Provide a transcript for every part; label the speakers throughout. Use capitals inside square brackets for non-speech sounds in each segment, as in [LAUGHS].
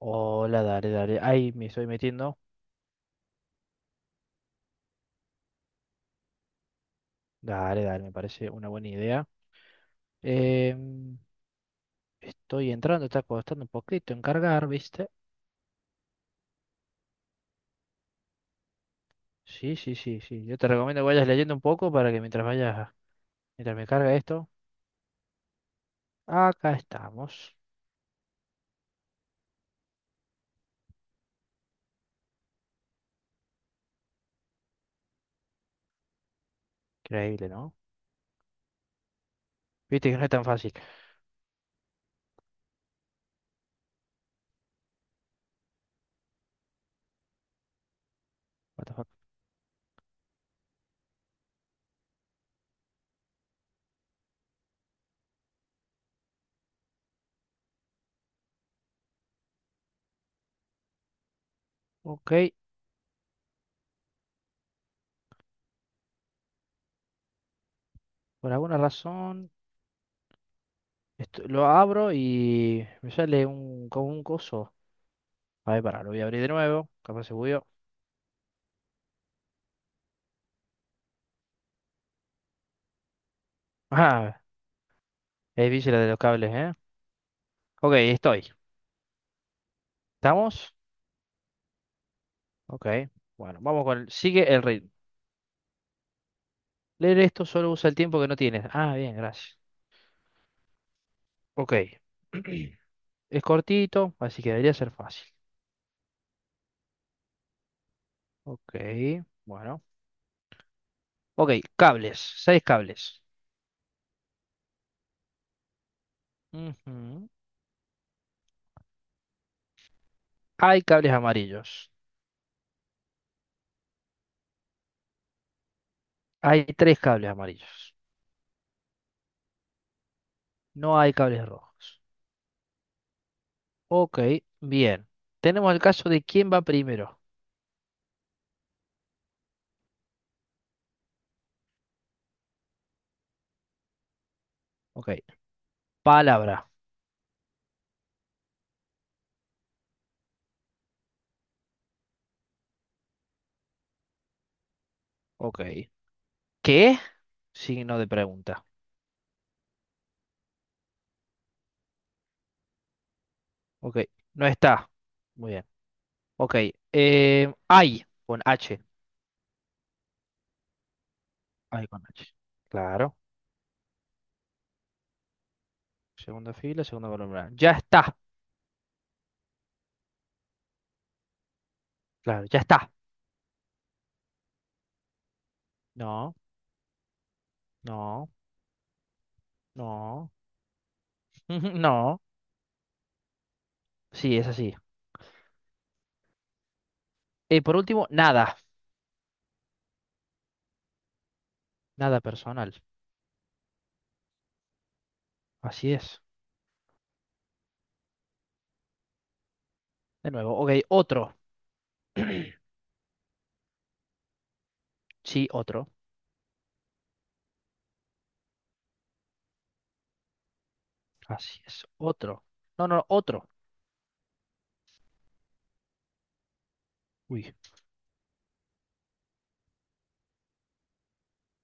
Speaker 1: Hola, dale, dale. Ahí me estoy metiendo. Dale, dale, me parece una buena idea. Em, Estoy entrando, está costando un poquito en cargar, ¿viste? Sí, sí, sí, sí. Yo te recomiendo que vayas leyendo un poco para que mientras vayas, mientras me carga esto. Acá estamos. Increíble, ¿no? Viste que no es tan fácil. What the fuck. Ok, por alguna razón lo abro y me sale como un coso. A ver, pará, lo voy a abrir de nuevo. Capaz se bugueó. Ah, es difícil la de los cables, ¿eh? Ok, estoy. ¿Estamos? Ok, bueno, Sigue el ritmo. Leer esto solo usa el tiempo que no tienes. Ah, bien, gracias. Ok. [CLEARS THROAT] Es cortito, así que debería ser fácil. Ok, bueno. Ok, cables. Seis cables. Ujú. Hay cables amarillos. Hay tres cables amarillos. No hay cables rojos. Ok, bien. Tenemos el caso de quién va primero. Ok. Palabra. Ok. ¿Qué? Signo de pregunta. Ok. No está. Muy bien. Ok. Ay, con H. Ay, con H. Claro. Segunda fila, segunda columna. Ya está. Claro, ya está. No, no, no. [LAUGHS] No. Sí, es así. Por último, nada. Nada personal. Así es. De nuevo. Ok, otro. Sí, otro. Así es. Otro. No, no, otro. Uy.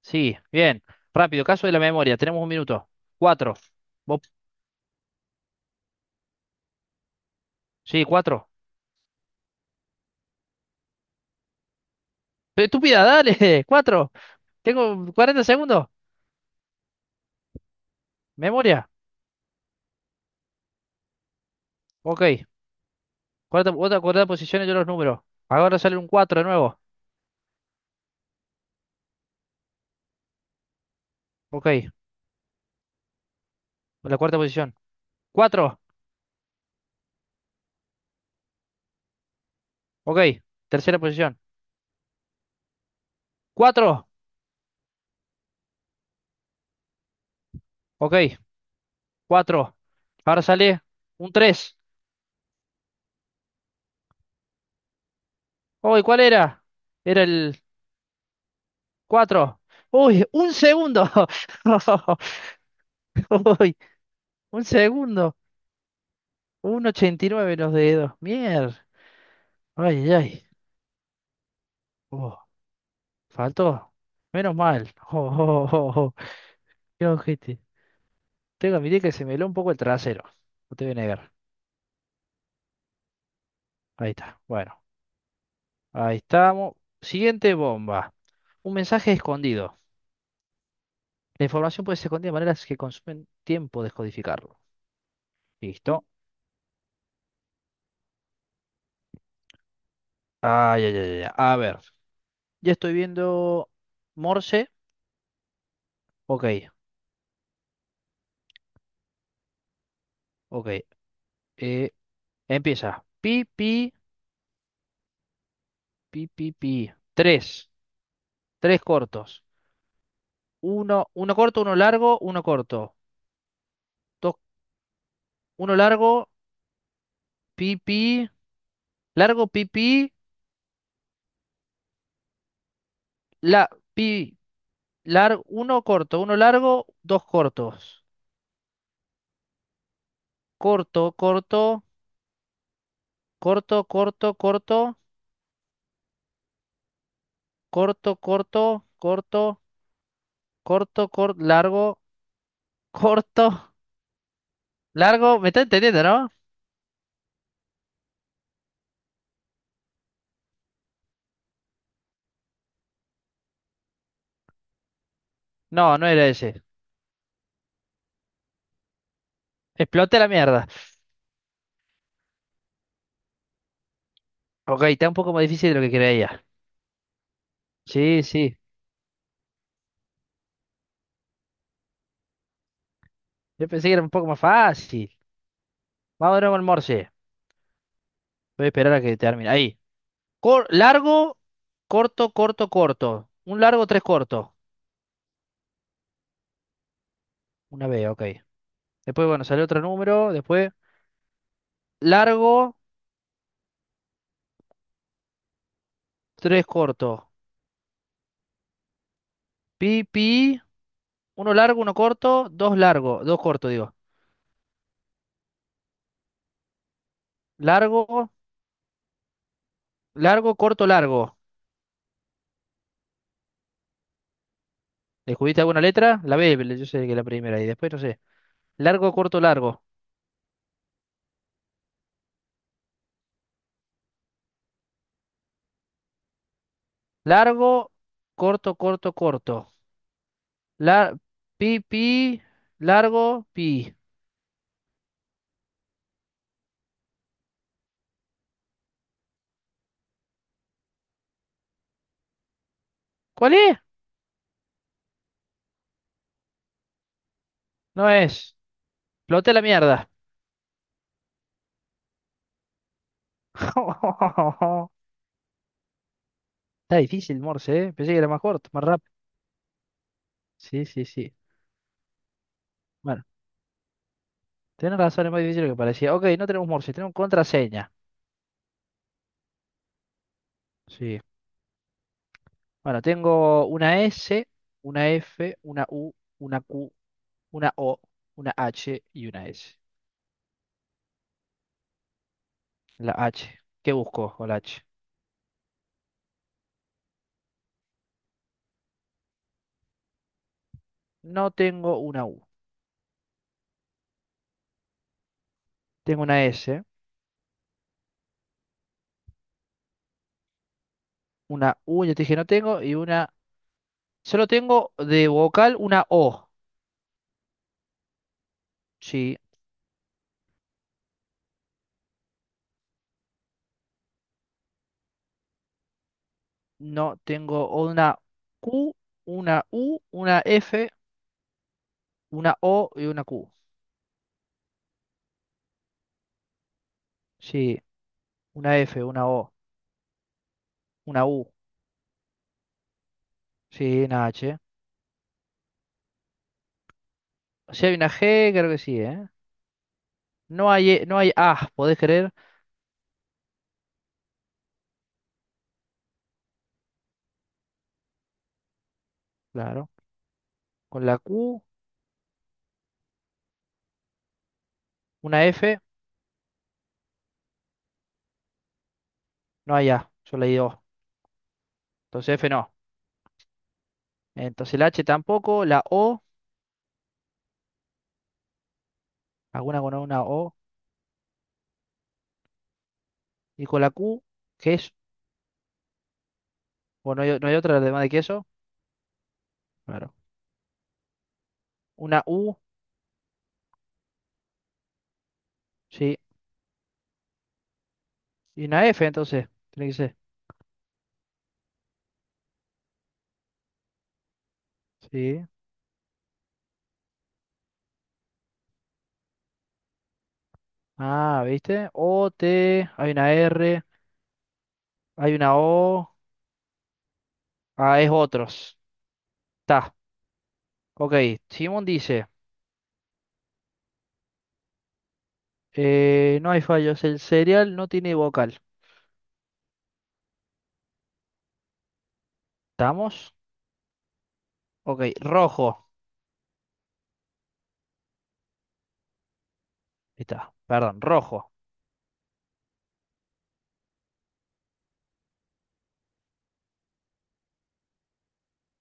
Speaker 1: Sí, bien. Rápido, caso de la memoria. Tenemos un minuto. Cuatro. Vos- Sí, cuatro. Pero Estúpida, dale. [LAUGHS] Cuatro. Tengo 40 segundos. Memoria. Ok. Cuarta, otra cuarta posición y yo los números. Ahora sale un cuatro de nuevo. Ok. La cuarta posición. Cuatro. Ok. Tercera posición. Cuatro. Ok. Cuatro. Ahora sale un tres. Uy, ¿cuál era? Era el cuatro. Uy, un segundo. [LAUGHS] Uy, un segundo. 1.89 los dedos. Mier. Ay, ay, ay. Oh, faltó. Menos mal. [LAUGHS] Oh, oh, oh, oh, oh. Qué ojete. Tengo que admitir que se me heló un poco el trasero. No te voy a negar. Ahí está. Bueno, ahí estamos. Siguiente bomba. Un mensaje escondido. La información puede ser escondida de maneras que consumen tiempo descodificarlo. Listo. Ay, ay, ay, ay. A ver. Ya estoy viendo Morse. Ok, ok. Eh, Empieza. Pi, pi, pi, pi, pi. Tres. Tres cortos. Uno, uno corto, uno largo, uno corto. Dos, uno largo, pi, pi. Largo, pi, pi. La, pi. Uno corto, uno largo, dos cortos. Corto, corto, corto, corto, corto, corto, corto, corto, corto, corto, largo, [LAUGHS] corto, largo. ¿Me está entendiendo, no? No, no era ese. Explote la mierda. Ok, está un poco más difícil de lo que creía. Sí, sí. Yo pensé que era un poco más fácil. Vamos de nuevo al Morse. Voy a esperar a que termine. Ahí. Largo, corto, corto, corto. Un largo, tres cortos. Una B, ok. Después, bueno, sale otro número. Después, largo, tres cortos. Pi, pi, uno largo, uno corto, dos largo, dos cortos, digo. Largo, largo, corto, largo. ¿Descubriste alguna letra? La B, yo sé que es la primera. Y después, no sé. Largo, corto, largo. Largo, corto, corto, corto. La, pi, pi, largo, pi. ¿Cuál es? No es. Floté la mierda. [LAUGHS] Está difícil, Morse, ¿eh? Pensé que era más corto, más rápido. Sí, sí, sí. Bueno. Tenés razón, es muy difícil lo que parecía. Ok, no tenemos Morse, tenemos contraseña. Sí. Bueno, tengo una S, una F, una U, una Q, una O, una H y una S. La H. ¿Qué busco con la H? No tengo una U. Tengo una S, una U, ya te dije no tengo, y una... Solo tengo de vocal una O. Sí. No tengo una Q, una U, una F, una O y una Q. Sí. Una F, una O, una U. Sí, una H. Si hay una G, creo que sí, ¿eh? No hay, no hay A, ¿podés creer? Claro. Con la Q, una F, no hay A. Yo leí O. Entonces F no. Entonces la H tampoco, la O, alguna con una O. Y con la Q, ¿qué es? ¿O no hay, no hay otra además de queso? Claro. Una U, sí. Y una F, entonces. Tiene que ser. Sí. Ah, ¿viste? O, T, hay una R, hay una O. Ah, es otros. Está. Ok. Simón dice. No hay fallos. El cereal no tiene vocal. ¿Estamos? Ok, rojo. Ahí está. Perdón, rojo.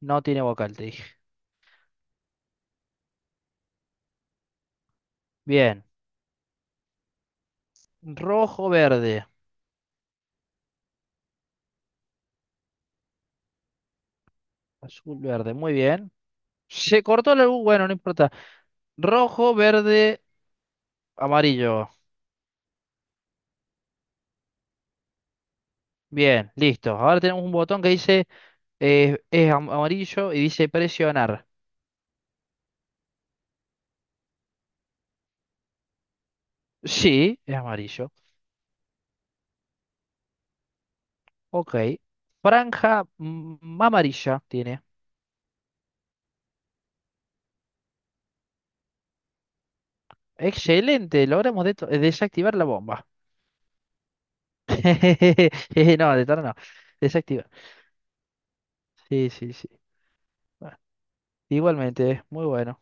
Speaker 1: No tiene vocal, te dije. Bien. Rojo, verde. Azul, verde. Muy bien. Se cortó la luz. Bueno, no importa. Rojo, verde, amarillo. Bien, listo. Ahora tenemos un botón que dice es amarillo y dice presionar. Sí, es amarillo. Ok. Franja amarilla tiene. Excelente, logramos desactivar la bomba. [LAUGHS] No, de tarde no. Desactiva. Sí, sí, sí. Bueno, igualmente, muy bueno.